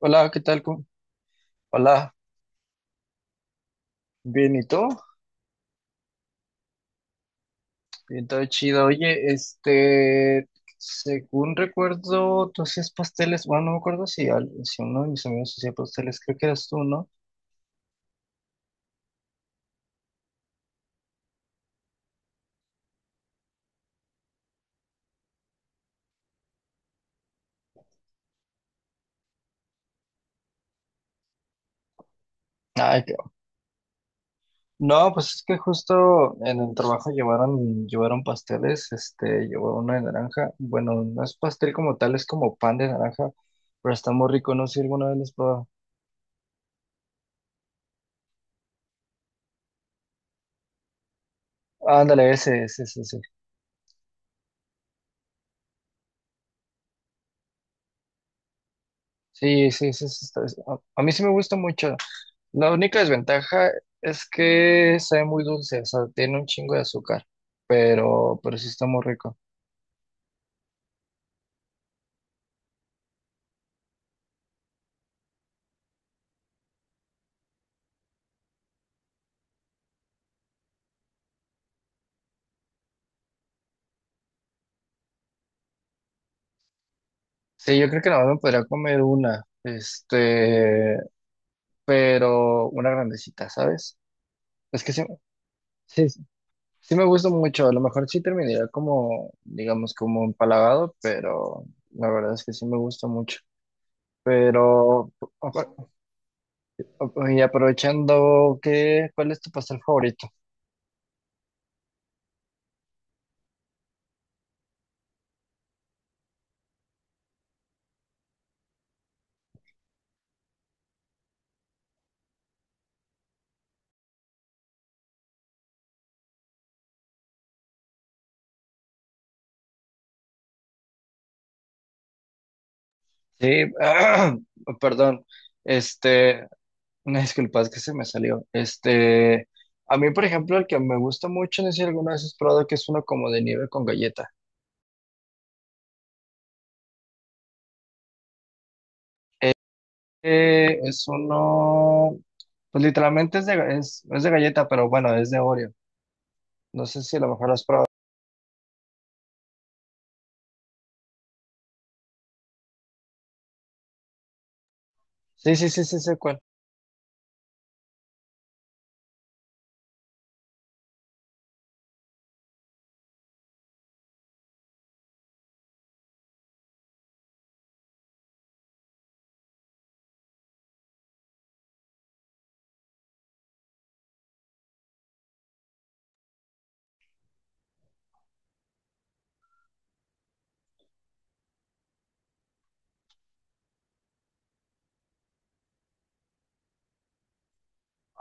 Hola, ¿qué tal? ¿Cómo- Hola, bien, ¿y tú? Bien, todo chido. Oye, según recuerdo, tú hacías pasteles, bueno, no me acuerdo si, al- si uno de mis amigos hacía pasteles, creo que eras tú, ¿no? Ay, qué- bueno. No, pues es que justo en el trabajo llevaron pasteles, llevó uno de naranja, bueno, no es pastel como tal, es como pan de naranja, pero está muy rico, no sé si alguna vez lo has probado. Ándale, ese, ese, ese, ese. Sí, sí, ese está- a mí sí me gusta mucho. La única desventaja es que sabe muy dulce, o sea, tiene un chingo de azúcar, pero sí está muy rico. Sí, yo creo que nada más me podría comer una, pero una grandecita, ¿sabes? Es que sí, sí me gusta mucho, a lo mejor sí terminaría como, digamos, como empalagado, pero la verdad es que sí me gusta mucho. Pero, ojo, y aprovechando, ¿qué, cuál es tu pastel favorito? Sí, perdón. Este, Una disculpa, es que se me salió. A mí, por ejemplo, el que me gusta mucho, no sé si alguna vez has probado, que es uno como de nieve con galleta. Es uno, pues literalmente es de, ga- es de galleta, pero bueno, es de Oreo. No sé si a lo mejor lo has probado. Sí, sí, sí, sí, sé cuál.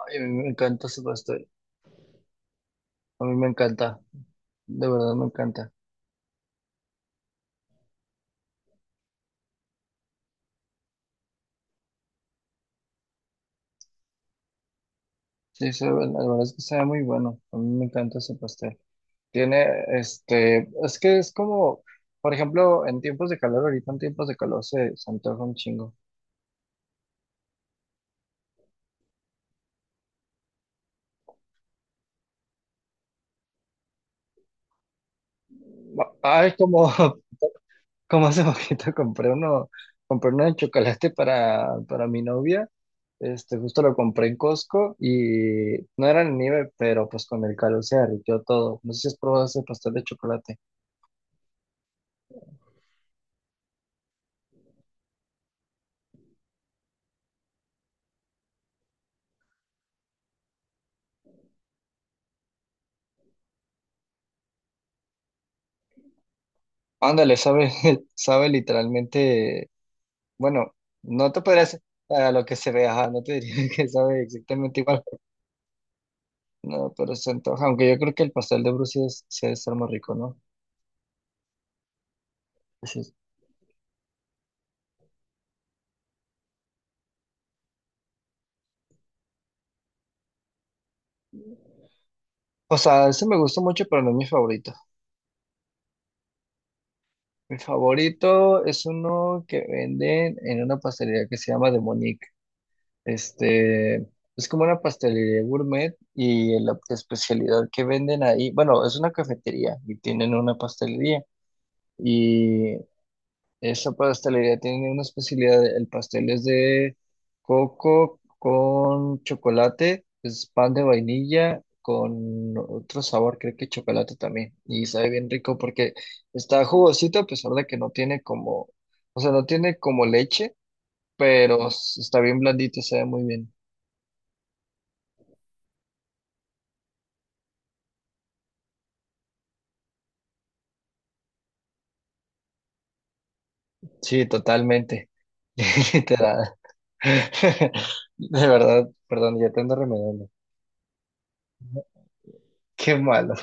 Ay, a mí me encanta ese pastel. A mí me encanta. De verdad me encanta. Sí, se ve- la verdad es que sabe muy bueno. A mí me encanta ese pastel. Tiene, es que es como, por ejemplo, en tiempos de calor, ahorita en tiempos de calor se antoja un chingo. Ba- Ay, como, como hace poquito compré uno de chocolate para mi novia. Justo lo compré en Costco y no era en nieve, pero pues con el calor se derritió todo. No sé si has probado ese pastel de chocolate. Ándale, sabe, sabe literalmente, bueno, no te podrías a lo que se ve, ajá, no te diría que sabe exactamente igual. No, pero se antoja, aunque yo creo que el pastel de Brucia es, sí debe estar más rico, ¿no? Ese es- O sea, ese me gusta mucho, pero no es mi favorito. Mi favorito es uno que venden en una pastelería que se llama de Monique. Este, es como una pastelería gourmet y la especialidad que venden ahí, bueno, es una cafetería y tienen una pastelería. Y esta pastelería tiene una especialidad. El pastel es de coco con chocolate, es pan de vainilla con otro sabor, creo que chocolate también. Y sabe bien rico porque está jugosito a pesar de que no tiene como, o sea, no tiene como leche, pero s- está bien blandito, sabe muy bien. Sí, totalmente. Literal. De verdad, perdón, ya te ando remedando. Qué malo,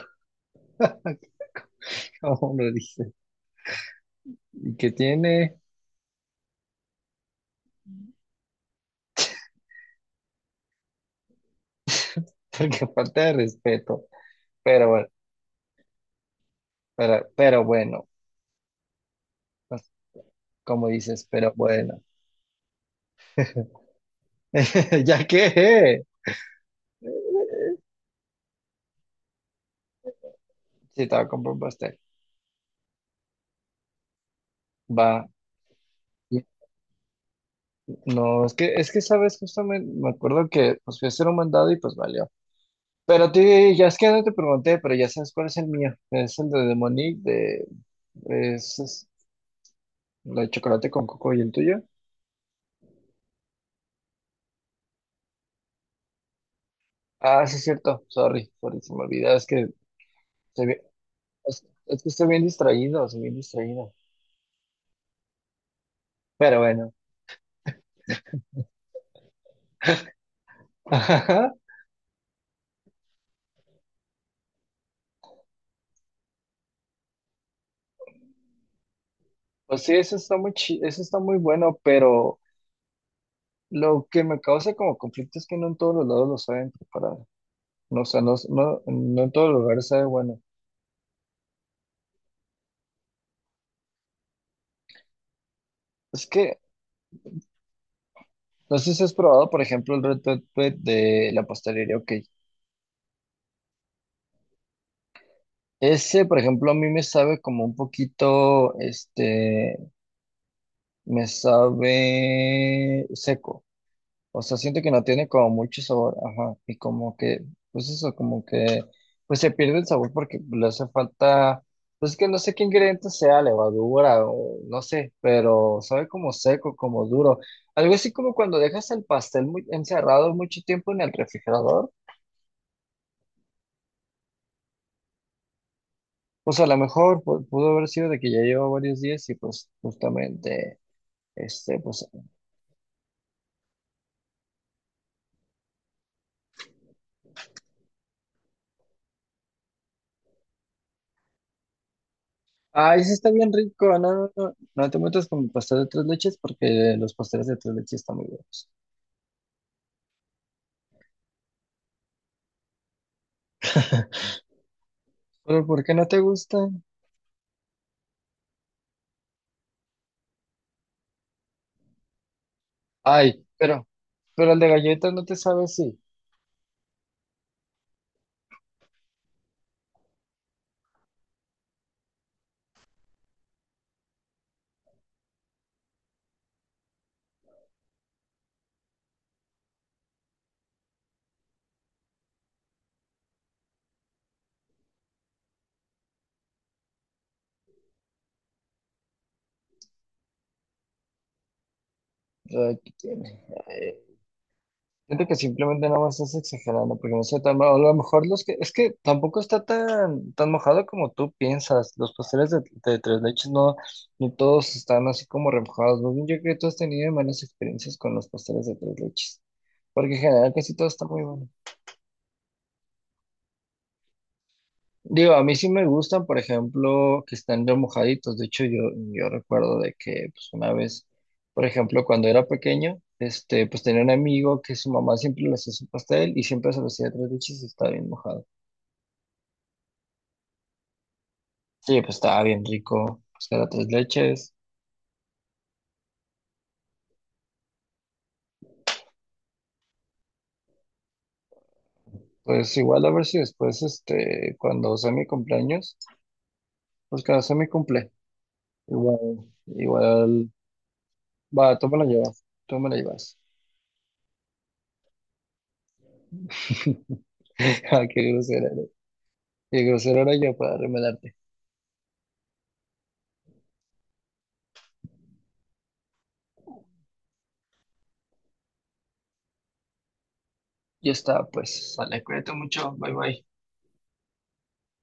como lo dice. ¿Y qué tiene? Porque falta de respeto. Pero bueno, pero bueno, pues, como dices, pero bueno. Ya que, si estaba con un pastel, va. No, es que sabes, justamente me acuerdo que pues fui a hacer un mandado y pues valió. Pero te, ya es que no te pregunté, pero ya sabes cuál es el mío. Es el de Demonic, de, es la de chocolate con coco y el tuyo. Ah, sí, es cierto. Sorry, sorry, se me olvidó. Es que estoy bien, es que estoy bien distraído, estoy bien distraído. Pero bueno. Pues sí, eso está muy chi- eso está muy bueno, pero lo que me causa como conflicto es que no en todos los lados lo saben preparar. No, o sea, no, no, no en todos los lugares sabe bueno. Es que, no sé si has probado, por ejemplo, el Red Velvet de la pastelería, ok. Ese, por ejemplo, a mí me sabe como un poquito, me sabe seco. O sea, siento que no tiene como mucho sabor, ajá, y como que, pues eso, como que, pues se pierde el sabor porque le hace falta, pues que no sé qué ingrediente sea, levadura o no sé, pero sabe como seco, como duro. Algo así como cuando dejas el pastel muy encerrado mucho tiempo en el refrigerador, pues a lo mejor pu- pudo haber sido de que ya lleva varios días y pues justamente, pues, ay, sí está bien rico, no, no, no, no te metas con pastel de tres leches porque los pasteles de tres leches están muy buenos. ¿Pero por qué no te gusta? Ay, pero el de galletas no te sabe así. Ay, ¿qué tiene? Ay, siento que simplemente no me estás exagerando, porque no sé tan mal. A lo mejor los que, es que tampoco está tan, tan mojado como tú piensas. Los pasteles de tres leches no, no todos están así como remojados. Más bien, yo creo que tú has tenido malas experiencias con los pasteles de tres leches, porque en general casi todo está muy bueno. Digo, a mí sí me gustan, por ejemplo, que están remojaditos. De hecho, yo recuerdo de que, pues, una vez, por ejemplo, cuando era pequeño, pues tenía un amigo que su mamá siempre le hacía su pastel y siempre se lo hacía de tres leches y estaba bien mojado. Sí, pues estaba bien rico, pues era tres leches. Pues igual a ver si después, cuando sea mi cumpleaños, pues cuando sea mi cumple, igual, igual, va, tú me lo llevas, tú me lo llevas. Ah, qué grosera eres. Qué grosera era yo para remelar. Ya está, pues, sale, cuídate mucho, bye bye.